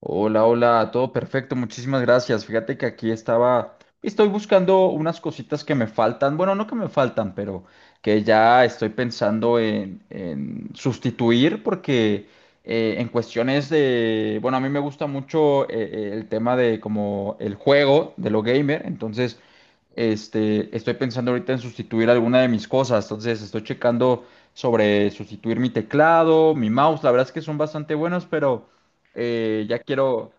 Hola, hola, todo perfecto, muchísimas gracias. Fíjate que aquí estaba, estoy buscando unas cositas que me faltan, bueno, no que me faltan, pero que ya estoy pensando en sustituir porque en cuestiones de, bueno, a mí me gusta mucho el tema de como el juego, de lo gamer, entonces. Este, estoy pensando ahorita en sustituir alguna de mis cosas, entonces estoy checando sobre sustituir mi teclado, mi mouse, la verdad es que son bastante buenos, pero ya quiero,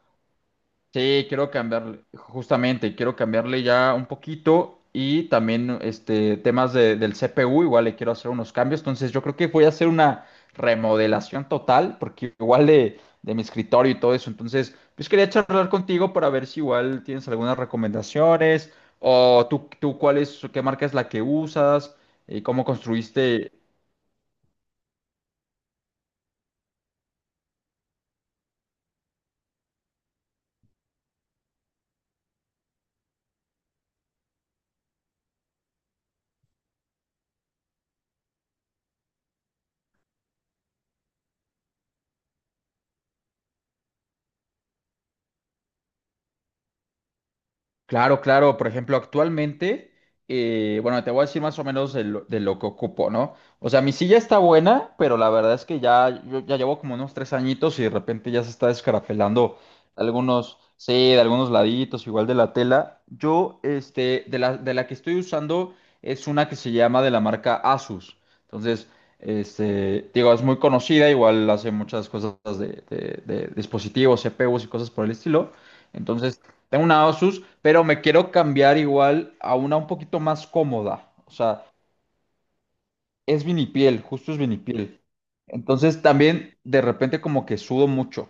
sí, quiero cambiarle, justamente, quiero cambiarle ya un poquito y también este, temas del CPU, igual le quiero hacer unos cambios, entonces yo creo que voy a hacer una remodelación total, porque igual de mi escritorio y todo eso, entonces, pues quería charlar contigo para ver si igual tienes algunas recomendaciones o tú cuál es, qué marca es la que usas y cómo construiste. Claro, claro. Por ejemplo, actualmente, bueno, te voy a decir más o menos de lo que ocupo, ¿no? O sea, mi silla está buena, pero la verdad es que ya, yo ya llevo como unos 3 añitos y de repente ya se está descarafelando algunos, sí, de algunos laditos, igual de la tela. Yo, este, de la que estoy usando es una que se llama de la marca Asus. Entonces, este, digo, es muy conocida, igual hace muchas cosas de dispositivos, CPUs y cosas por el estilo. Entonces, tengo una Asus, pero me quiero cambiar igual a una un poquito más cómoda. O sea, es vinipiel, justo es vinipiel. Entonces también de repente como que sudo mucho.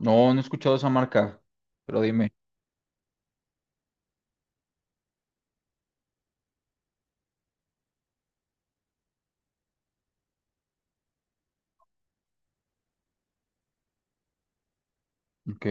No, no he escuchado esa marca, pero dime. Ok.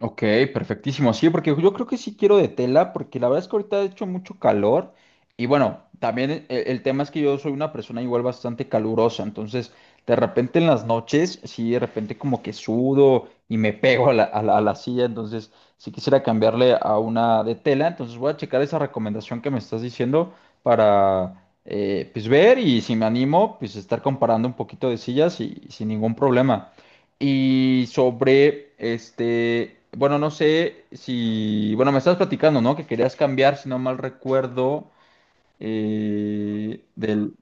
Ok, perfectísimo. Sí, porque yo creo que sí quiero de tela, porque la verdad es que ahorita ha hecho mucho calor. Y bueno, también el tema es que yo soy una persona igual bastante calurosa. Entonces, de repente en las noches, sí, de repente como que sudo y me pego a la silla. Entonces, sí quisiera cambiarle a una de tela. Entonces, voy a checar esa recomendación que me estás diciendo para, pues, ver y si me animo, pues, estar comparando un poquito de sillas y sin ningún problema. Y sobre este, bueno, no sé si, bueno, me estabas platicando, ¿no? Que querías cambiar, si no mal recuerdo, eh, del,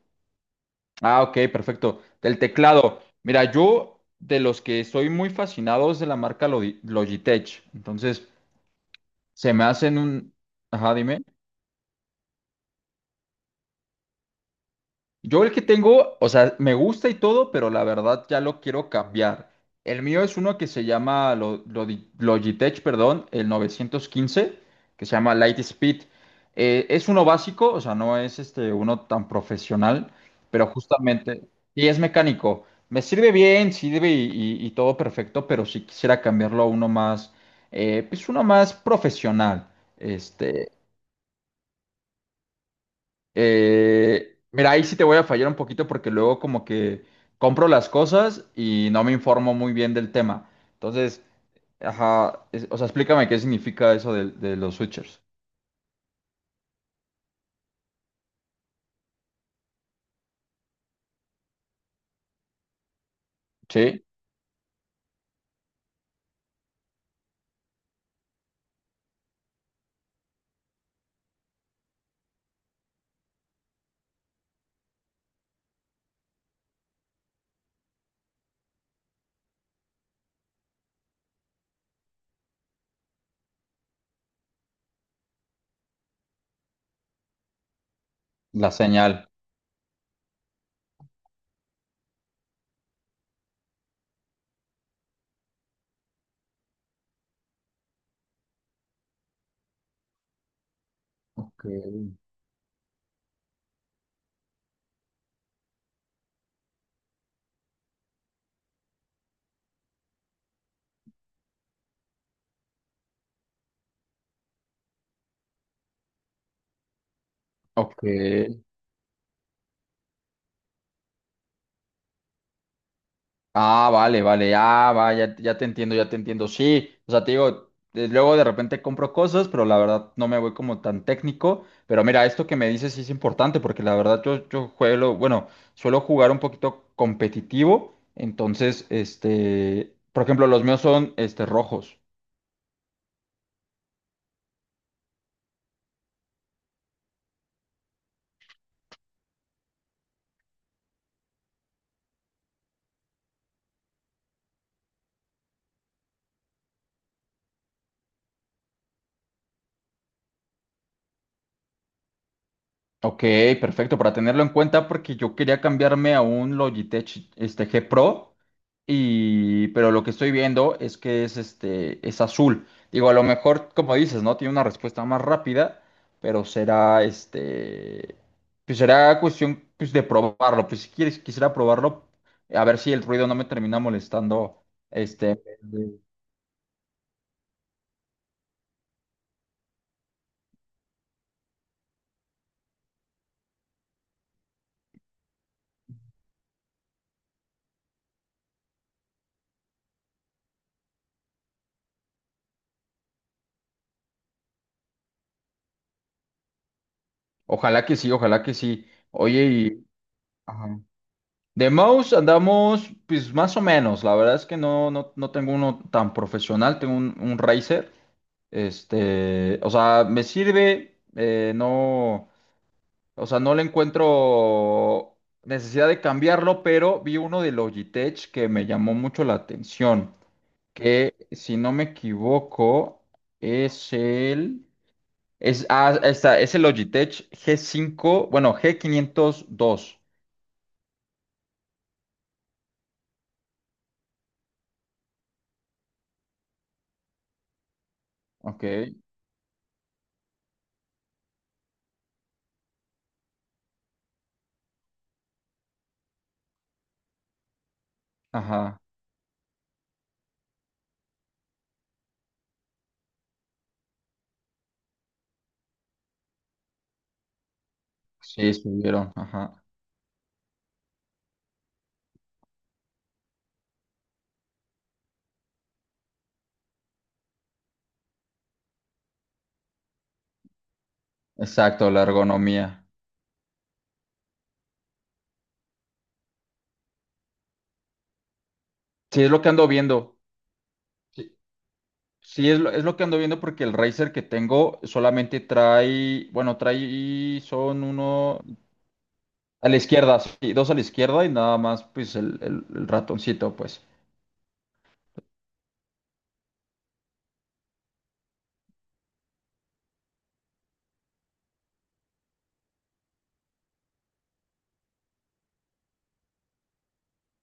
ah, ok, perfecto, del teclado. Mira, yo de los que estoy muy fascinados de la marca Logitech, entonces se me hacen ajá, dime. Yo el que tengo, o sea, me gusta y todo, pero la verdad ya lo quiero cambiar. El mío es uno que se llama Logitech, perdón, el 915, que se llama Lightspeed. Es uno básico, o sea, no es este uno tan profesional, pero justamente, y es mecánico. Me sirve bien, sirve y todo perfecto, pero si quisiera cambiarlo a uno más, pues uno más profesional. este. Mira, ahí sí te voy a fallar un poquito porque luego como que compro las cosas y no me informo muy bien del tema. Entonces, ajá, es- o sea, explícame qué significa eso de los switchers. Sí, la señal. Ok, ok, ok. Ah, vale, vale, ah, va, ya, ya te entiendo, ya te entiendo. Sí, o sea, te digo, luego de repente compro cosas, pero la verdad no me voy como tan técnico. Pero mira, esto que me dices sí es importante, porque la verdad yo juego, bueno, suelo jugar un poquito competitivo. Entonces, este, por ejemplo, los míos son este rojos. Ok, perfecto, para tenerlo en cuenta porque yo quería cambiarme a un Logitech G Pro, y, pero lo que estoy viendo es que es, este, es azul. Digo, a lo mejor, como dices, ¿no? Tiene una respuesta más rápida, pero será, este, pues será cuestión pues, de probarlo. Pues si quieres, quisiera probarlo, a ver si el ruido no me termina molestando. Este, ojalá que sí, ojalá que sí. Oye, ajá. De mouse andamos pues más o menos, la verdad es que no tengo uno tan profesional, tengo un Razer, o sea, me sirve, no, o sea, no le encuentro necesidad de cambiarlo, pero vi uno de Logitech que me llamó mucho la atención, que si no me equivoco es el, es, ah, está, es el Logitech g cinco bueno, G502. Ok, ajá, sí, subieron, ajá. Exacto, la ergonomía. Sí, es lo que ando viendo. Sí. Sí, es lo que ando viendo porque el Razer que tengo solamente trae, bueno, trae, son uno a la izquierda, sí, dos a la izquierda y nada más, pues el, el ratoncito, pues,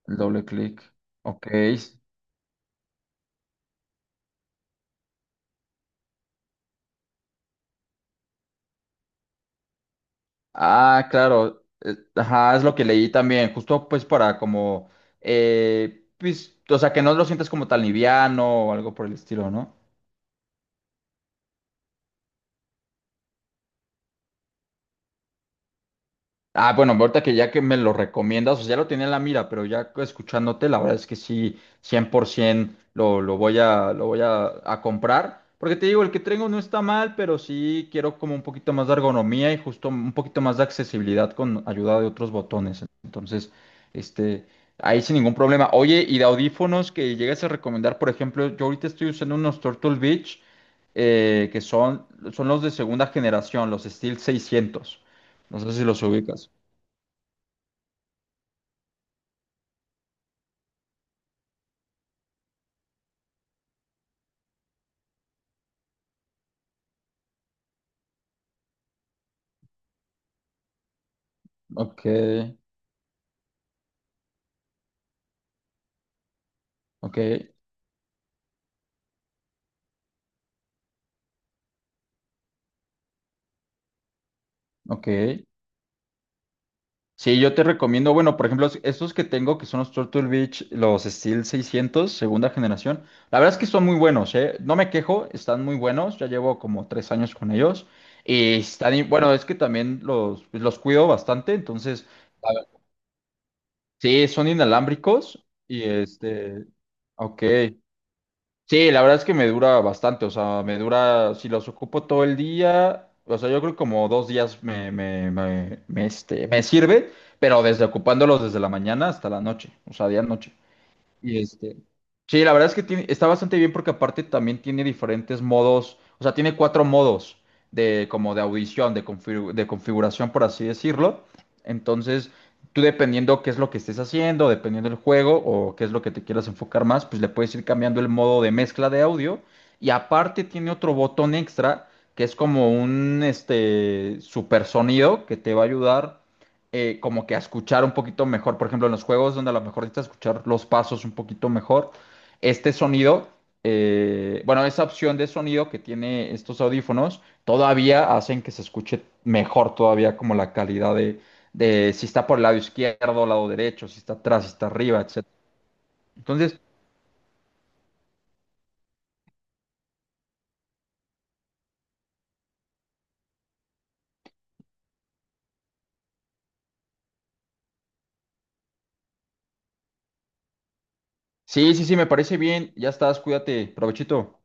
el doble clic. Ok. Ah, claro. Ajá, es lo que leí también, justo pues para como, pues, o sea, que no lo sientas como tan liviano o algo por el estilo, ¿no? Ah, bueno, ahorita que ya que me lo recomiendas, o sea, ya lo tenía en la mira, pero ya escuchándote, la verdad es que sí, 100% lo voy a comprar. Porque te digo, el que tengo no está mal, pero sí quiero como un poquito más de ergonomía y justo un poquito más de accesibilidad con ayuda de otros botones. Entonces, este, ahí sin ningún problema. Oye, y de audífonos que llegues a recomendar, por ejemplo, yo ahorita estoy usando unos Turtle Beach, que son, son los de segunda generación, los Steel 600. No sé si los ubicas. Ok, ok, ok. Sí, yo te recomiendo, bueno, por ejemplo, estos que tengo, que son los Turtle Beach, los Steel seiscientos, segunda generación. La verdad es que son muy buenos, ¿eh? No me quejo, están muy buenos. Ya llevo como 3 años con ellos. Y están, bueno, es que también los, pues, los cuido bastante, entonces, a ver, sí, son inalámbricos. Y este, ok. Sí, la verdad es que me dura bastante, o sea, me dura, si los ocupo todo el día, o sea, yo creo que como 2 días me sirve, pero desde ocupándolos desde la mañana hasta la noche, o sea, día noche. Y este, sí, la verdad es que tiene, está bastante bien porque aparte también tiene diferentes modos, o sea, tiene cuatro modos de como de audición, de, de configuración, por así decirlo. Entonces, tú dependiendo qué es lo que estés haciendo, dependiendo del juego o qué es lo que te quieras enfocar más, pues le puedes ir cambiando el modo de mezcla de audio. Y aparte tiene otro botón extra que es como un este super sonido que te va a ayudar como que a escuchar un poquito mejor. Por ejemplo, en los juegos donde a lo mejor necesitas escuchar los pasos un poquito mejor, este sonido, bueno, esa opción de sonido que tiene estos audífonos, todavía hacen que se escuche mejor todavía como la calidad de si está por el lado izquierdo, lado derecho, si está atrás, si está arriba, etc. Entonces, sí, sí, sí, me parece bien. Ya estás, cuídate, provechito.